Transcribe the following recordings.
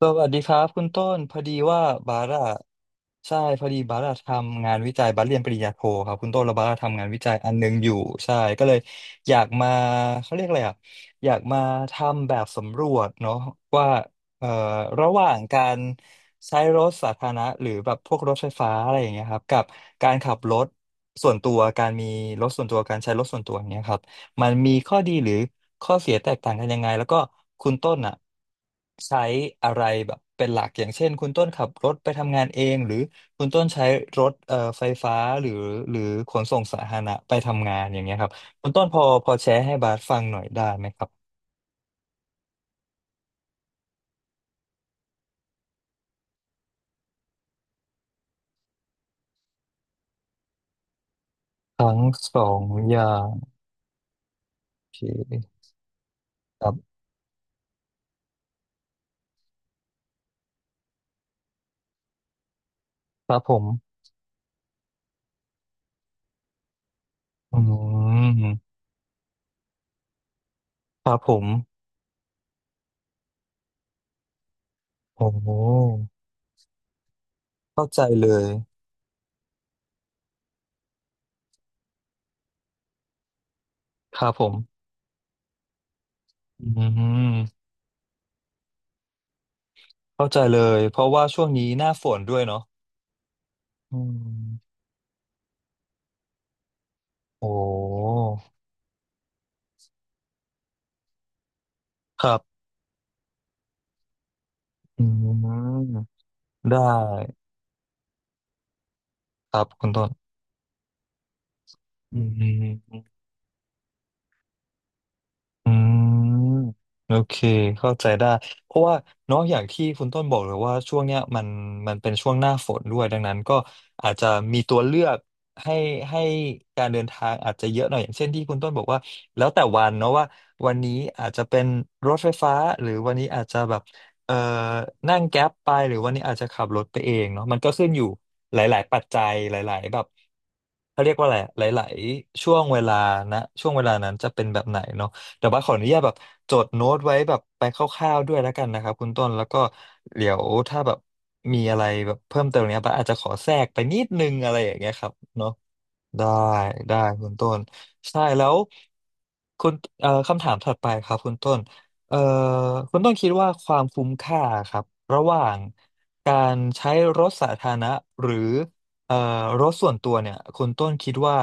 สวัสดีครับคุณต้นพอดีว่าบาร่าใช่พอดีบาร่าทำงานวิจัยบาร่าเรียนปริญญาโทครับคุณต้นแล้วบาร่าทำงานวิจัยอันหนึงอยู่ใช่ก็เลยอยากมาเขาเรียกอะไรอ่ะอยากมาทำแบบสำรวจเนาะว่าเอ่อระหว่างการใช้รถสาธารณะหรือแบบพวกรถไฟฟ้าอะไรอย่างเงี้ยครับกับการขับรถส่วนตัวการมีรถส่วนตัวการใช้รถส่วนตัวอย่างเงี้ยครับ มันมีข้อดีหรือข้อเสียแตกต่างกันยังไงแล้วก็คุณต้นอ่ะใช้อะไรแบบเป็นหลักอย่างเช่นคุณต้นขับรถไปทำงานเองหรือคุณต้นใช้รถไฟฟ้าหรือหรือขนส่งสาธารณะไปทำงานอย่างเงี้ยครับคุณต้นพอพอแชร์ให้บาสฟังหน่อยได้ไหมครับทั้งสองอย่างโอเคครับครับผมอืมครับผมโอ้โหเข้าใจเลยครับผมอืมเข้าใจเลยเพราะว่าช่วงนี้หน้าฝนด้วยเนาะ อืมโอ้ครับอืมได้ครับคุณต้นอืม อืมโอเคเข้าใจได้เพราะว่าเนอะอย่างที่คุณต้นบอกเลยว่าช่วงเนี้ยมันมันเป็นช่วงหน้าฝนด้วยดังนั้นก็อาจจะมีตัวเลือกให้ให้การเดินทางอาจจะเยอะหน่อยอย่างเช่นที่คุณต้นบอกว่าแล้วแต่วันเนาะว่าวันนี้อาจจะเป็นรถไฟฟ้าหรือวันนี้อาจจะแบบเอ่อนั่งแก๊ปไปหรือวันนี้อาจจะขับรถไปเองเนาะมันก็ขึ้นอยู่หลายๆปัจจัยหลายๆแบบเขาเรียกว่าอะไรหลายๆช่วงเวลานะช่วงเวลานั้นจะเป็นแบบไหนเนาะ แต่ว่าขออนุญาตแบบจดโน้ตไว้แบบไปคร่าวๆด้วยแล้วกันนะครับคุณต้นแล้วก็เดี๋ยวถ้าแบบมีอะไรแบบเพิ่มเติมเนี้ยปะอาจจะขอแทรกไปนิดนึงอะไรอย่างเงี้ยครับเนาะได้ได้คุณต้นใช่แล้วคุณคำถามถัดไปครับคุณต้นเอ่อคุณต้นคิดว่าความคุ้มค่าครับระหว่างการใช้รถสาธารณะหรือ เอ่อรถส่วนตัวเนี่ยคุณต้นคิดว่า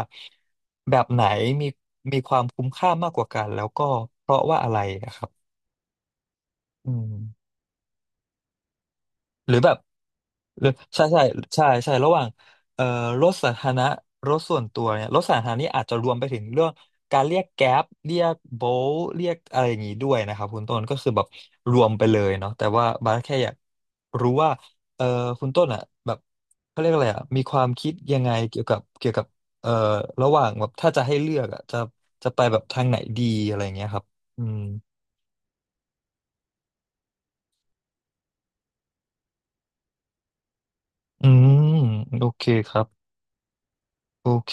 แบบไหนมีมีความคุ้มค่ามากกว่ากันแล้วก็เพราะว่าอะไรนะครับอืม หรือแบบหรือใช่ใช่ใช่ใช่ระหว่างเอ่อรถสาธารณะรถส่วนตัวเนี่ยรถสาธารณะนี่อาจจะรวมไปถึงเรื่องการเรียกแก๊ปเรียกโบลเรียกอะไรอย่างนี้ด้วยนะครับคุณต้นก็คือแบบรวมไปเลยเนาะแต่ว่าบาสแค่อยากรู้ว่าเอ่อคุณต้นอ่ะแบบเขาเรียกอะไรอ่ะมีความคิดยังไงเกี่ยวกับเกี่ยวกับเอ่อระหว่างแบบถ้าจะให้เลือกอ่ะจะจะไปแบบทางไหนดีอะไรอย่างเงี้ยครับอืมอืมโอเคครับโอเค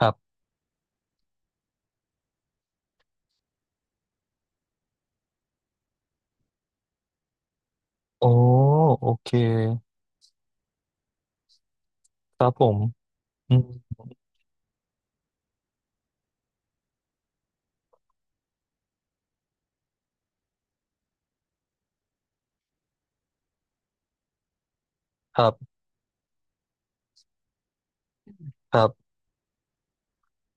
ครับ โอ้โอเคครับผมอืมครับครับ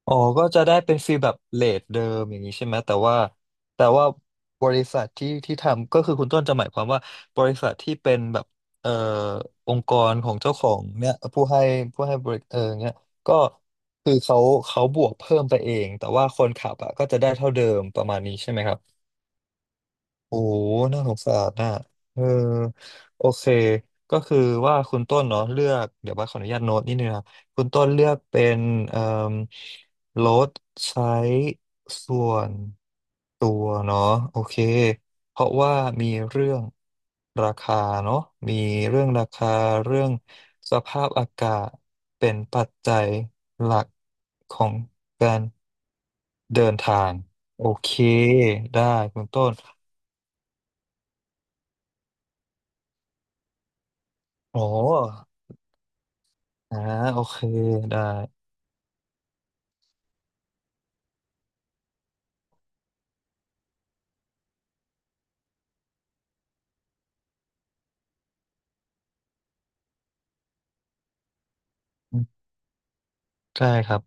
อ๋อก็จะได้เป็นฟีลแบบเรทเดิมอย่างนี้ใช่ไหมแต่ว่าแต่ว่าบริษัทที่ที่ทำก็คือคุณต้นจะหมายความว่าบริษัทที่เป็นแบบเอ่อองค์กรของเจ้าของเนี่ยผู้ให้ผู้ให้บริเนี่ยก็คือเขาเขาบวกเพิ่มไปเองแต่ว่าคนขับอ่ะก็จะได้เท่าเดิมประมาณนี้ใช่ไหมครับ โอ้โหน่าสงสารน่ะเออโอเค ก็คือว่าคุณต้นเนาะเลือกเดี๋ยวบัสขออนุญาตโน้ตนิดนึงนะครับคุณต้นเลือกเป็นเอ่อลดใช้ส่วนตัวเนาะโอเคเพราะว่ามีเรื่องราคาเนาะมีเรื่องราคาเรื่องสภาพอากาศเป็นปัจจัยหลักของการเดินทางโอเคได้คุณต้น โอ้อ่าโอเคได้ใช่ครับ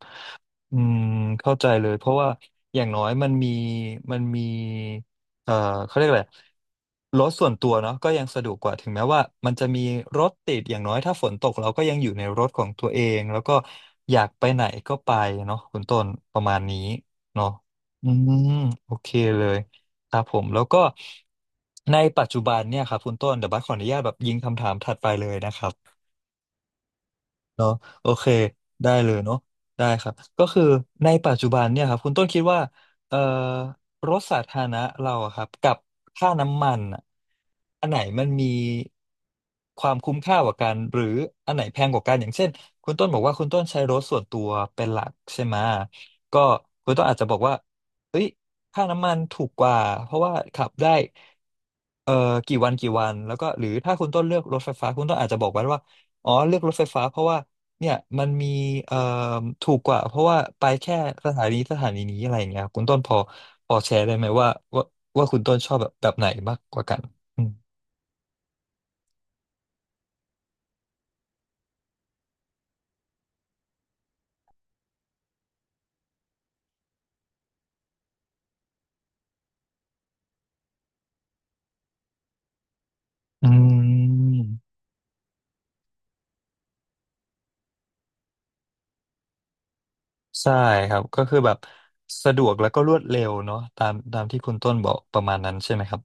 อืมเข้าใจเลยเพราะว่า อย่างน้อยมันมีมันมี เอ่อ เขาเรียกอะไรรถส่วนตัวเนาะก็ยังสะดวกกว่าถึงแม้ว่ามันจะมีรถติด อย่างน้อยถ้าฝนตกเราก็ยังอยู่ในรถของตัวเอง แล้วก็อยากไปไหนก็ไปเนาะคุณต้นประมาณนี้เนาะอืมโอเคเลยครับผม แล้วก็ในปัจจุบันเนี่ยครับคุณต้นเดี๋ยวบัสขออนุญาตแบบยิงคำถามถัดไปเลยนะครับ เนาะโอเคได้เลยเนาะได้ครับก็คือในปัจจุบันเนี่ยครับคุณต้นคิดว่าเอ่อรถสาธารณะเราอะครับกับค่าน้ำมันอะอันไหนมันมีความคุ้มค่ากว่ากันหรืออันไหนแพงกว่ากันอย่างเช่นคุณต้นบอกว่าคุณต้นใช้รถส่วนตัวเป็นหลักใช่ไหมก็คุณต้นอาจจะบอกว่าเฮ้ยค่าน้ำมันถูกกว่าเพราะว่าขับได้เอ่อกี่วันกี่วันแล้วก็หรือถ้าคุณต้นเลือกรถไฟฟ้าคุณต้นอาจจะบอกไว้ว่า อ๋อเลือกรถไฟฟ้าเพราะว่าเนี่ยมันมีเอ่อถูกกว่าเพราะว่าไปแค่สถานีนี้อะไรอย่างเงี้ยครับคุณต้นพอแชร์ได้ไหมว่าว่าคุณต้นชอบแบบไหนมากกว่ากันอืมอืมใช่ครับก็คือแบบสะดวกแล้วก็รวดเร็วเนาะตามที่คุณต้นบอกประมาณนั้นใช่ไหมครับ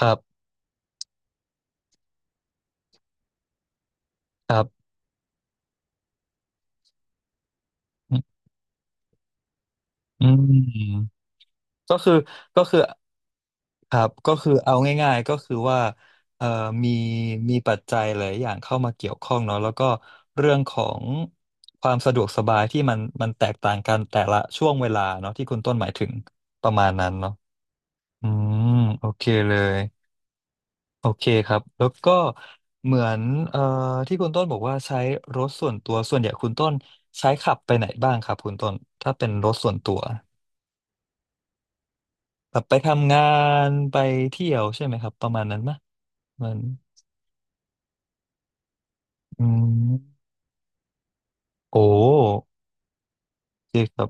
ครับครับอืม ก็คือก็คือก็คือเอาง่ายๆก็คือว่าเอ่อมีมีปัจจัยหลายอย่างเข้ามาเกี่ยวข้องเนาะแล้วก็เรื่องของความสะดวกสบายที่มันแตกต่างกันแต่ละช่วงเวลาเนาะที่คุณต้นหมายถึงประมาณนั้นเนาะอืมโอเคเลยโอเคครับแล้วก็เหมือนเอ่อที่คุณต้นบอกว่าใช้รถส่วนตัวส่วนใหญ่คุณต้นใช้ขับไปไหนบ้างครับคุณต้นถ้าเป็นรถส่วนตัว แบบไปทำงานไปเที่ยวใช่ไหมครับประมาณนั้นมะมันอืมโอ้โอเคครับ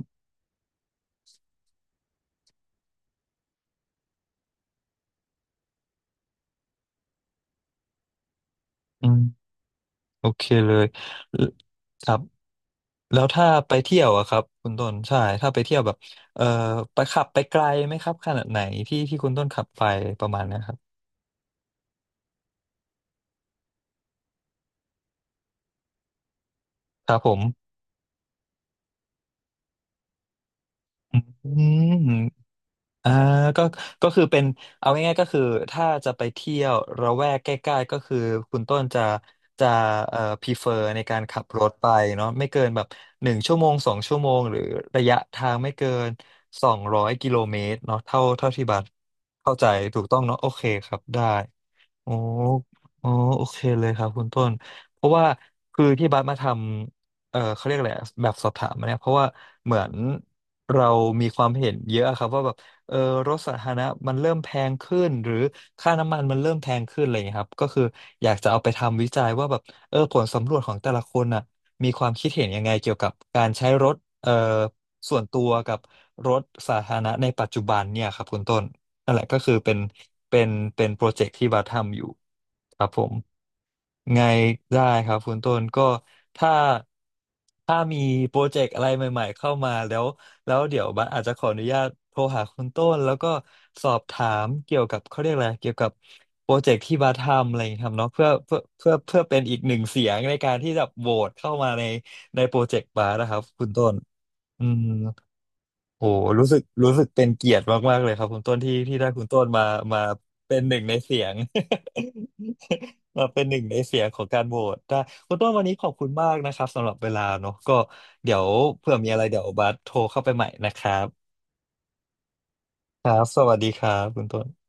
อืมโอเคเลยลครับแล้วถ้าไปเที่ยวอะครับคุณต้นใช่ถ้าไปเที่ยวแบบเอ่อไปขับไปไกลไหมครับขนาดไหนที่ที่คุณต้นขับไปประมาณเนะครับครับผมอืม อ่าก็ก็คือเป็นเอาง่ายๆก็คือถ้าจะไปเที่ยวระแวกใกล้ๆก็คือคุณต้นจะพรีเฟอร์ในการขับรถไปเนาะไม่เกินแบบ1 ชั่วโมง 2 ชั่วโมงหรือระยะทางไม่เกิน200 กิโลเมตรเนาะเท่าที่บัตรเข้าใจถูกต้องเนาะโอเคครับได้ อ๋ออ๋อโอเคเลยครับคุณต้นเพราะว่าคือที่บัสมาทำเออเขาเรียกอะไรอะแบบสอบถามมาเนี่ยเพราะว่าเหมือนเรามีความเห็นเยอะครับว่าแบบเออรถสาธารณะมันเริ่มแพงขึ้นหรือค่าน้ำมันมันเริ่มแพงขึ้นอะไรอย่างเงี้ยครับก็คืออยากจะเอาไปทำวิจัยว่าแบบเออผลสำรวจของแต่ละคนน่ะมีความคิดเห็นยังไงเกี่ยวกับการใช้รถเออส่วนตัวกับรถสาธารณะในปัจจุบันเนี่ยครับคุณต้น นั่นแหละก็คือเป็นเป็นโปรเจกต์ที่บัสทำอยู่ครับผมไงได้ครับคุณต้นก็ถ้าถ้ามีโปรเจกต์อะไรใหม่ๆเข้ามาแล้วเดี๋ยวบัสอาจจะขออนุญาตโทรหาคุณต้นแล้วก็สอบถามเกี่ยวกับเขาเรียกอะไรเกี่ยวกับโปรเจกต์ที่บัสทำอะไรอย่างเงี้ยครับเนาะเพื่อเป็นอีกหนึ่งเสียงในการที่จะโหวตเข้ามาในโปรเจกต์บัสนะครับคุณต้นอืม โอ้รู้สึกเป็นเกียรติมากๆเลยครับคุณต้นที่ที่ได้คุณต้นมาเป็นหนึ่งในเสียง มาเป็นหนึ่งในเสียงของการโหวตได้คุณต้นวันนี้ขอบคุณมากนะครับสำหรับเวลาเนอะก็เดี๋ยวเผื่อมีอะไรเดี๋ยวบัสโทรเข้าไปใหม่นะครับครับสวัสดีครับคุณต้น